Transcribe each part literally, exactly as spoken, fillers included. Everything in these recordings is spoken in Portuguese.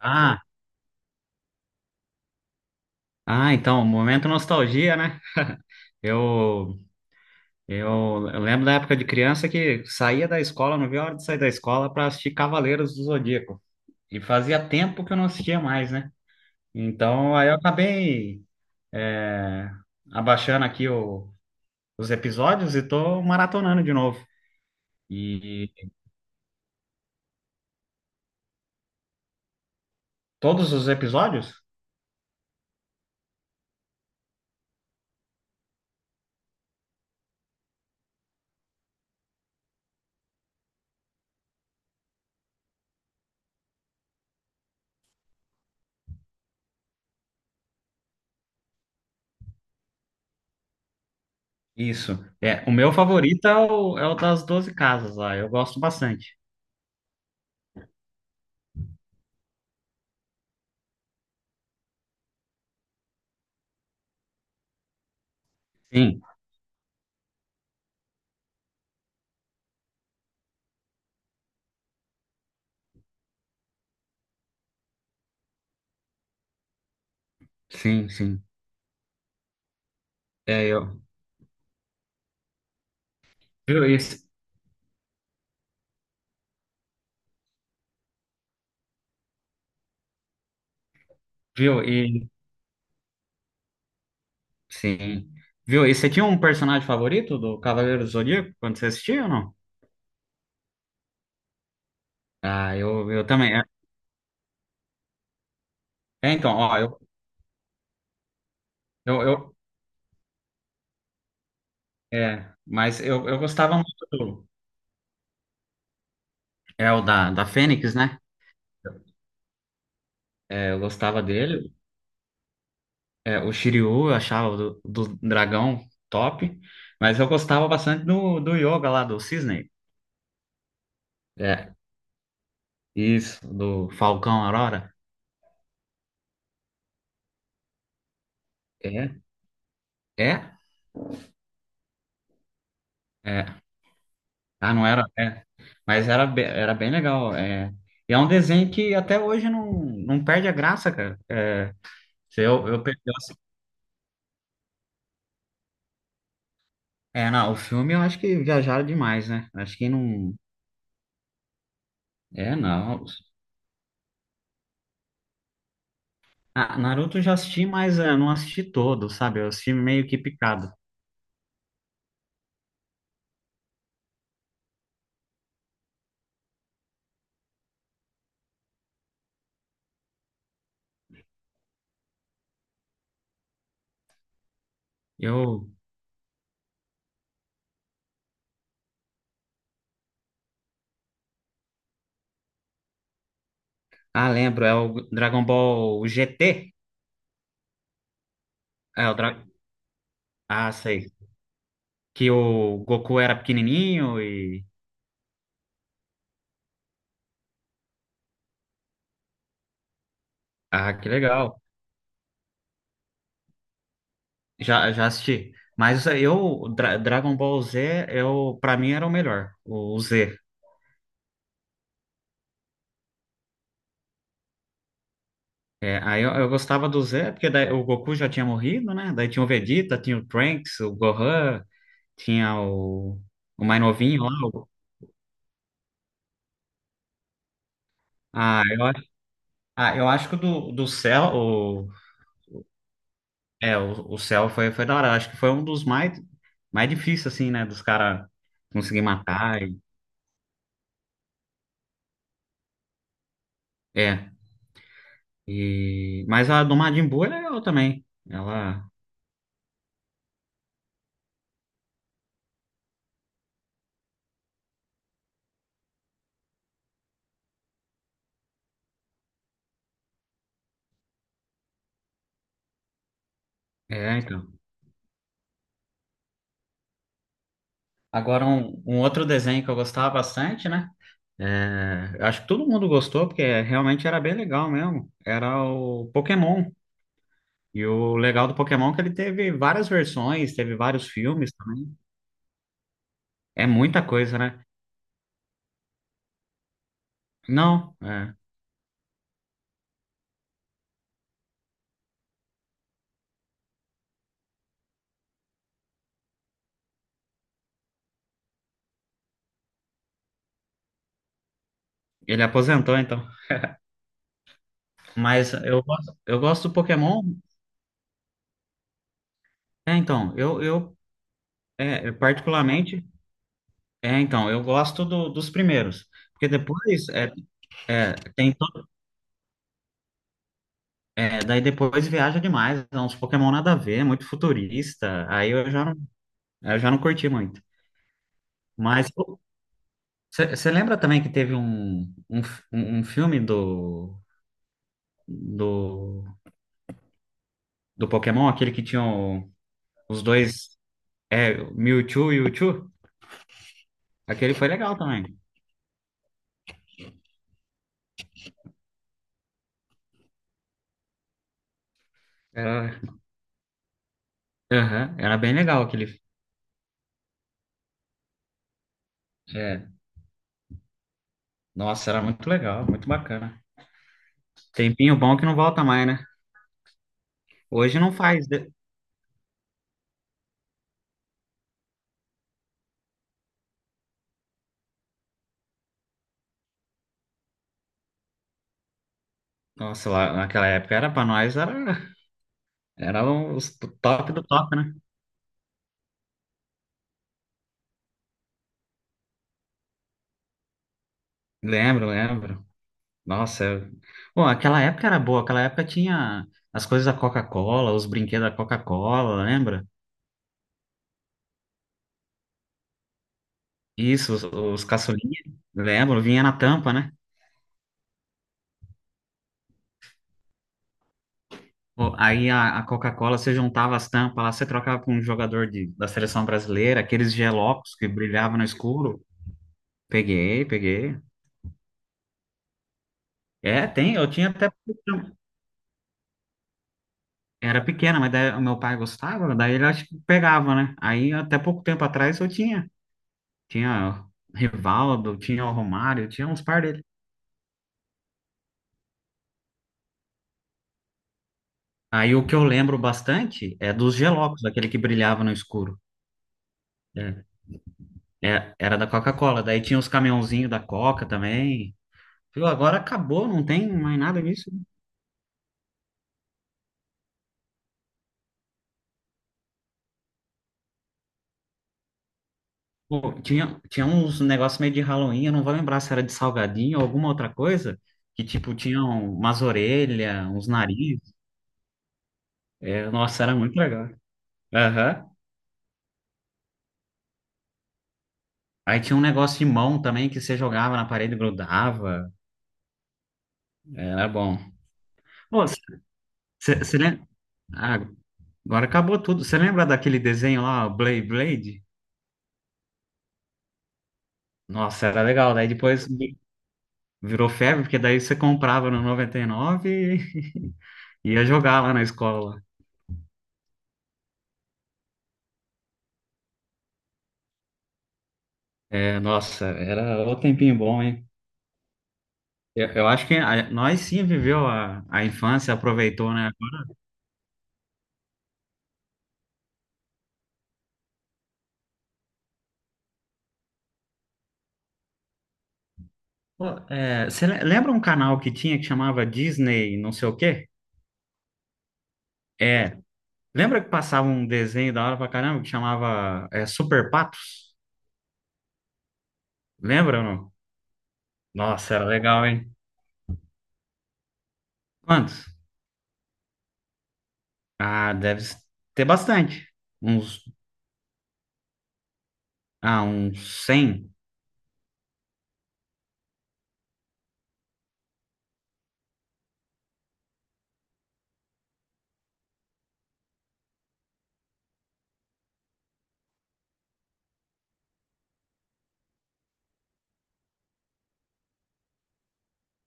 Ah, ah, então, momento nostalgia, né? Eu, eu, eu lembro da época de criança que saía da escola, não via a hora de sair da escola para assistir Cavaleiros do Zodíaco. E fazia tempo que eu não assistia mais, né? Então, aí eu acabei é, abaixando aqui o- os episódios e tô maratonando de novo. E todos os episódios? Isso. É, o meu favorito é o, é o das Doze casas lá, eu gosto bastante. Sim, sim, sim. É, eu, viu, isso, viu? Sim. Viu? E você tinha um personagem favorito do Cavaleiro do Zodíaco quando você assistia ou não? Ah, eu, eu também. É, é, então, ó, eu, eu, eu- é, mas eu, eu gostava muito do, é o da, da Fênix, né? É, eu gostava dele. É, o Shiryu, eu achava o do, do dragão top, mas eu gostava bastante do, do Yoga lá, do Cisne. É, isso, do Falcão Aurora. É, é. Ah, não era, é. Mas era, be- era bem legal. É. E é um desenho que até hoje não, não perde a graça, cara. É, se eu, eu, perdi. Eu é, não, o filme eu acho que viajaram demais, né? Acho que não. É, não. Ah, Naruto eu já assisti, mas é, não assisti todo, sabe? Eu assisti meio que picado. Eu. Ah, lembro, é o Dragon Ball G T. É o Dra... Ah, sei. Que o Goku era pequenininho e. Ah, que legal. Já, já assisti. Mas eu, Dra- Dragon Ball Z, eu, pra mim era o melhor, o, o Z. É, aí eu, eu gostava do Z, porque daí o Goku já tinha morrido, né? Daí tinha o Vegeta, tinha o Trunks, o Gohan, tinha o, o mais novinho lá. o- ah, eu, acho- ah, eu acho que o do, do Cell, o, é, o, o Cell foi, foi da hora. Eu acho que foi um dos mais, mais difíceis, assim, né? Dos caras conseguir matar. E, é. E, mas a do Majin Buu é legal também. Ela. É, então. Agora, um, um outro desenho que eu gostava bastante, né? É, acho que todo mundo gostou, porque realmente era bem legal mesmo. Era o Pokémon. E o legal do Pokémon é que ele teve várias versões, teve vários filmes também. É muita coisa, né? Não, é, ele aposentou, então. Mas eu, gosto- eu gosto do Pokémon. É, então, eu, eu é, eu particularmente. É, então, eu gosto do- dos primeiros. Porque depois é, é, tem É, daí depois viaja demais, é uns Pokémon nada a ver, muito futurista, aí eu já não, eu já não curti muito. Mas você lembra também que teve um, um, f- um filme do, do, do Pokémon, aquele que tinha o- os dois, é, Mewtwo e Mewtwo? Aquele foi legal também. Era, aham, era bem legal aquele. É. Nossa, era muito legal, muito bacana. Tempinho bom que não volta mais, né? Hoje não faz. De- Nossa, lá naquela época era pra nós, era. Era um, os top do top, né? Lembro, lembro. Nossa, eu- bom, aquela época era boa. Aquela época tinha as coisas da Coca-Cola, os brinquedos da Coca-Cola, lembra? Isso, os, os caçulinhas, lembro, vinha na tampa, né? Pô, aí a, a Coca-Cola, você juntava as tampas lá, você trocava com um jogador de, da seleção brasileira, aqueles gelocos que brilhavam no escuro. Peguei, peguei. É, tem, eu tinha até. Era pequena, mas daí o meu pai gostava, daí ele acho que pegava, né? Aí até pouco tempo atrás eu tinha. Tinha Rivaldo, tinha o Romário, tinha uns par dele. Aí o que eu lembro bastante é dos Gelocos, aquele que brilhava no escuro. É, é, era da Coca-Cola. Daí tinha os caminhãozinhos da Coca também. Viu, agora acabou, não tem mais nada disso. Pô, tinha, tinha uns negócios meio de Halloween, eu não vou lembrar se era de salgadinho ou alguma outra coisa, que tipo, tinham umas orelhas, uns nariz. É, nossa, era muito legal. Aham. Aí tinha um negócio de mão também que você jogava na parede e grudava. Era bom. Pô, você lembra? Ah, agora acabou tudo. Você lembra daquele desenho lá, o Blade Blade? Nossa, era legal. Daí depois vi- virou febre, porque daí você comprava no noventa e nove e nove e ia jogar lá na escola. É, nossa, era o tempinho bom, hein? Eu, eu acho que a- nós sim viveu a, a infância, aproveitou, né? Pô, é, você le- lembra um canal que tinha que chamava Disney, não sei o quê? É. Lembra que passava um desenho da hora pra caramba que chamava é, Super Patos? Lembra ou não? Nossa, era legal, hein? Quantos? Ah, deve ter bastante. Uns, ah, uns cem.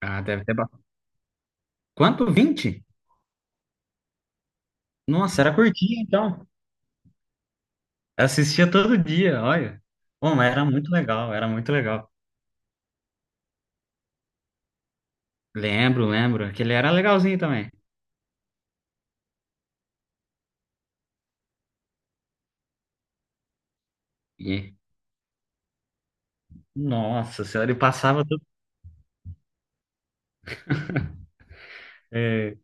Ah, deve ter bastante. Quanto? Vinte? Nossa, era curtinho, então. Assistia todo dia, olha. Bom, mas era muito legal, era muito legal. Lembro, lembro. Aquele era legalzinho também. E, nossa senhora, ele passava tudo. É,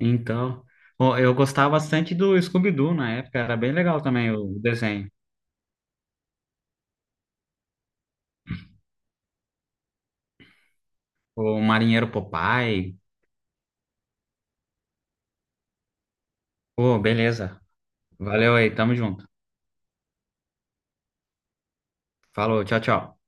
então, bom, eu gostava bastante do Scooby-Doo na época. Era bem legal também o desenho. O Marinheiro Popeye. Pô, beleza. Valeu aí, tamo junto. Falou, tchau, tchau.